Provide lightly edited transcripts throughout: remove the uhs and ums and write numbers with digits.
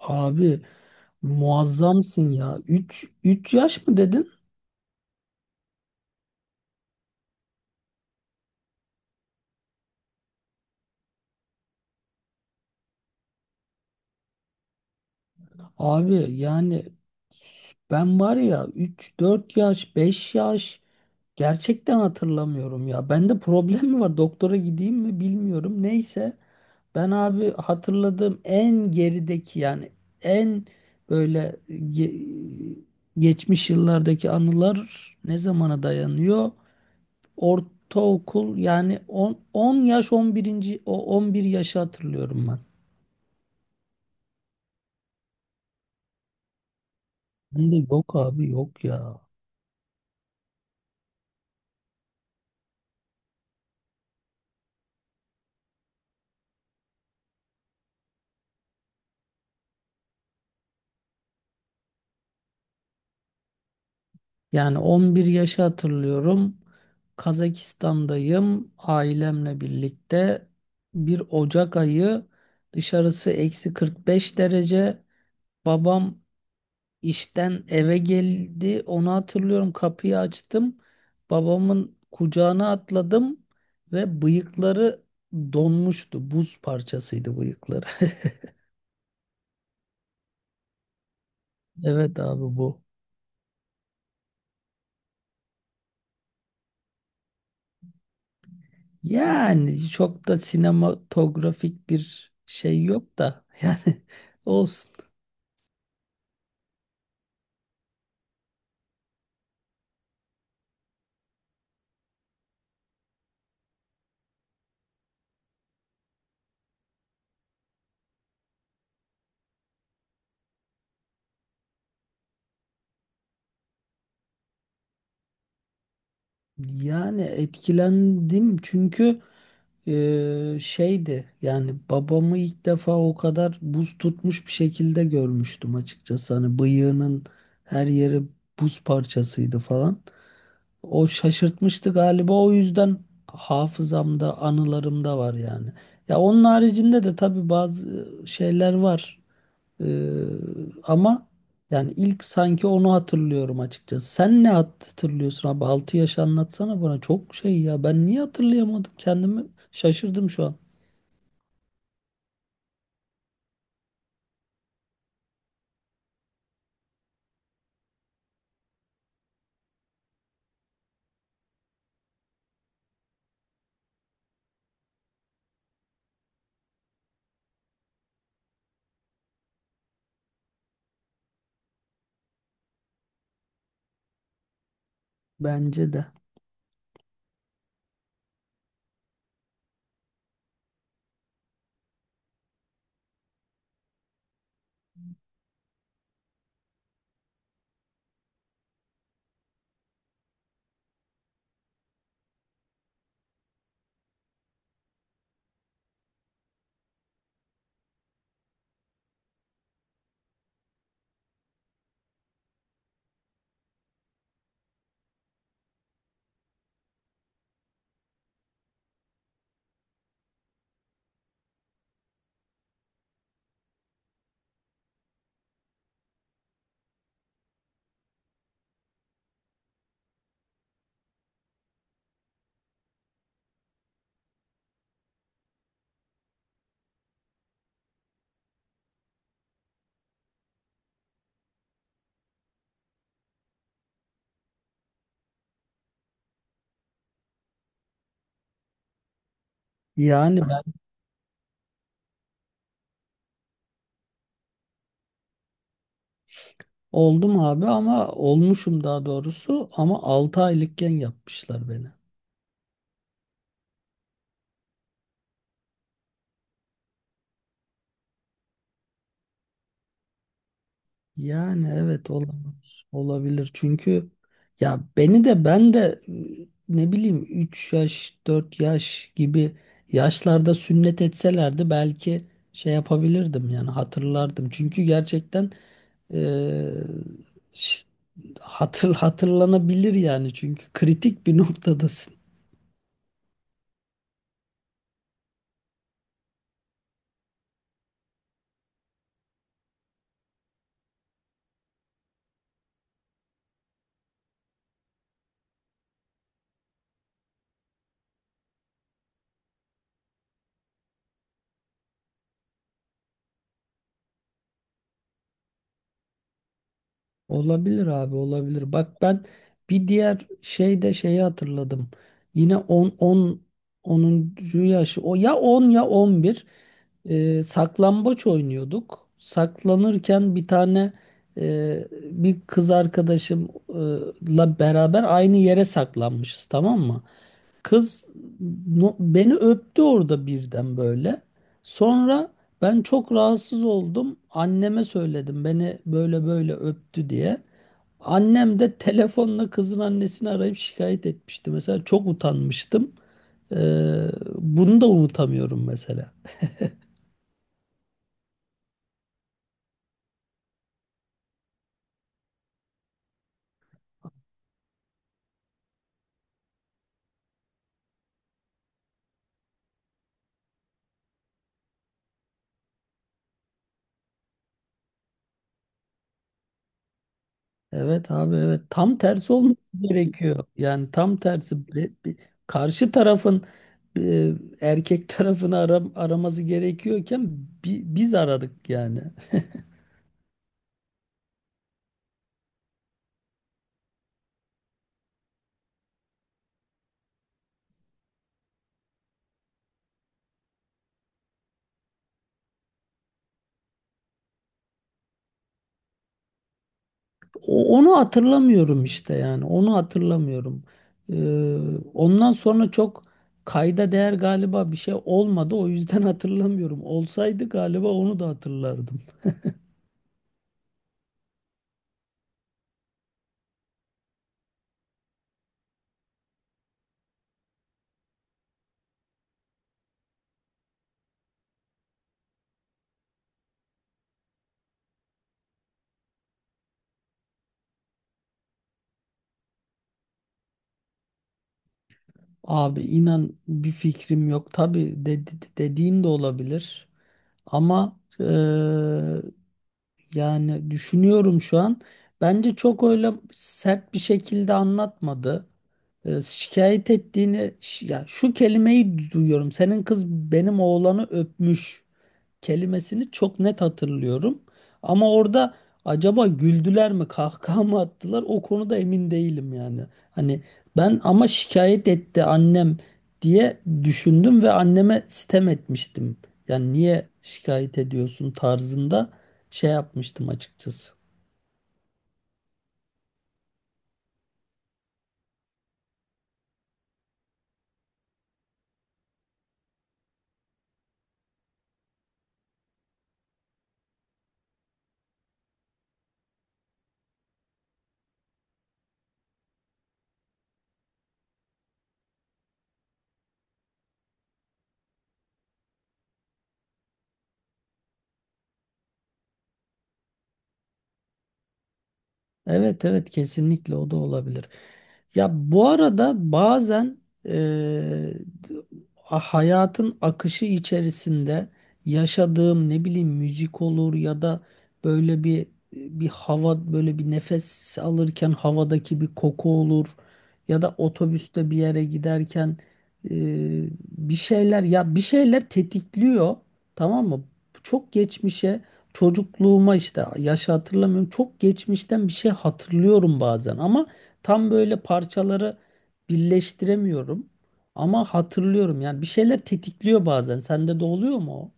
Abi muazzamsın ya. Üç yaş mı dedin? Abi yani ben var ya 3 4 yaş, 5 yaş gerçekten hatırlamıyorum ya. Bende problem mi var? Doktora gideyim mi bilmiyorum. Neyse ben abi hatırladığım en gerideki yani en böyle geçmiş yıllardaki anılar ne zamana dayanıyor? Ortaokul yani 10 yaş 11. O 11 yaşı hatırlıyorum ben. Ben de yok abi yok ya. Yani 11 yaşı hatırlıyorum. Kazakistan'dayım ailemle birlikte. Bir Ocak ayı dışarısı eksi 45 derece. Babam İşten eve geldi. Onu hatırlıyorum. Kapıyı açtım. Babamın kucağına atladım ve bıyıkları donmuştu. Buz parçasıydı bıyıkları. Evet abi bu. Yani çok da sinematografik bir şey yok da yani olsun. Yani etkilendim çünkü şeydi yani babamı ilk defa o kadar buz tutmuş bir şekilde görmüştüm açıkçası. Hani bıyığının her yeri buz parçasıydı falan. O şaşırtmıştı galiba, o yüzden hafızamda, anılarımda var yani. Ya onun haricinde de tabii bazı şeyler var. Ee, ama yani ilk sanki onu hatırlıyorum açıkçası. Sen ne hatırlıyorsun abi? 6 yaş anlatsana bana. Çok şey ya. Ben niye hatırlayamadım? Kendimi şaşırdım şu an. Bence de. Yani ben oldum abi, ama olmuşum daha doğrusu, ama 6 aylıkken yapmışlar beni. Yani evet olabilir. Olabilir. Çünkü ya beni de ben de ne bileyim 3 yaş 4 yaş gibi yaşlarda sünnet etselerdi belki şey yapabilirdim yani hatırlardım. Çünkü gerçekten eee, ş- hatırlanabilir yani, çünkü kritik bir noktada. Olabilir abi, olabilir. Bak ben bir diğer şey de, şeyi hatırladım. Yine 10 10 onuncu yaşı. O ya 10 ya 11, saklambaç oynuyorduk. Saklanırken bir tane bir kız arkadaşımla beraber aynı yere saklanmışız, tamam mı? Kız beni öptü orada birden böyle. Sonra ben çok rahatsız oldum. Anneme söyledim beni böyle böyle öptü diye. Annem de telefonla kızın annesini arayıp şikayet etmişti. Mesela çok utanmıştım. Ee, bunu da unutamıyorum mesela. Evet abi, evet, tam tersi olması gerekiyor. Yani tam tersi, karşı tarafın e, erkek tarafını araması gerekiyorken biz aradık yani. Onu hatırlamıyorum işte yani. Onu hatırlamıyorum. Ee, ondan sonra çok kayda değer galiba bir şey olmadı. O yüzden hatırlamıyorum. Olsaydı galiba onu da hatırlardım. Abi inan bir fikrim yok. Tabii dediğin de olabilir. Ama yani düşünüyorum şu an. Bence çok öyle sert bir şekilde anlatmadı. Şikayet ettiğini ya şu kelimeyi duyuyorum. Senin kız benim oğlanı öpmüş kelimesini çok net hatırlıyorum. Ama orada acaba güldüler mi, kahkaha mı attılar? O konuda emin değilim yani. Hani ben ama şikayet etti annem diye düşündüm ve anneme sitem etmiştim. Yani niye şikayet ediyorsun tarzında şey yapmıştım açıkçası. Evet, evet, kesinlikle o da olabilir. Ya bu arada bazen eee, hayatın akışı içerisinde yaşadığım, ne bileyim, müzik olur ya da böyle bir hava, böyle bir nefes alırken havadaki bir koku olur ya da otobüste bir yere giderken bir şeyler tetikliyor, tamam mı? Çok geçmişe Çocukluğuma işte, yaşı hatırlamıyorum. Çok geçmişten bir şey hatırlıyorum bazen ama tam böyle parçaları birleştiremiyorum. Ama hatırlıyorum yani, bir şeyler tetikliyor bazen. Sende de oluyor mu o?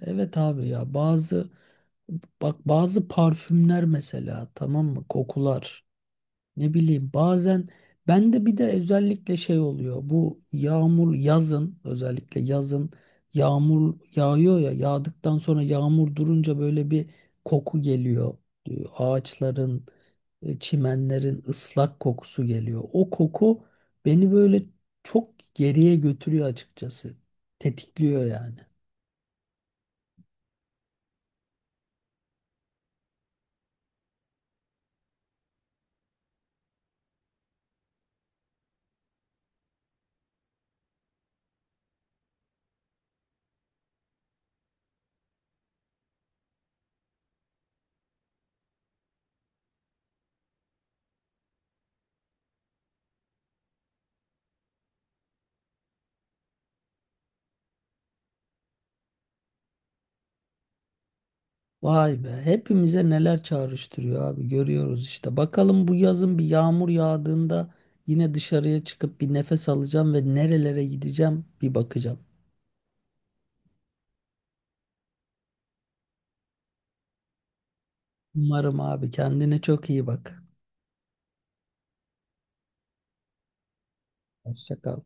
Evet abi, ya bazı parfümler mesela, tamam mı, kokular. Ne bileyim bazen bende bir de özellikle şey oluyor. Bu yağmur, yazın, özellikle yazın yağmur yağıyor ya, yağdıktan sonra yağmur durunca böyle bir koku geliyor. Ağaçların, çimenlerin ıslak kokusu geliyor. O koku beni böyle çok geriye götürüyor açıkçası. Tetikliyor yani. Vay be, hepimize neler çağrıştırıyor abi, görüyoruz işte. Bakalım bu yazın bir yağmur yağdığında yine dışarıya çıkıp bir nefes alacağım ve nerelere gideceğim bir bakacağım. Umarım abi, kendine çok iyi bak. Hoşça kal.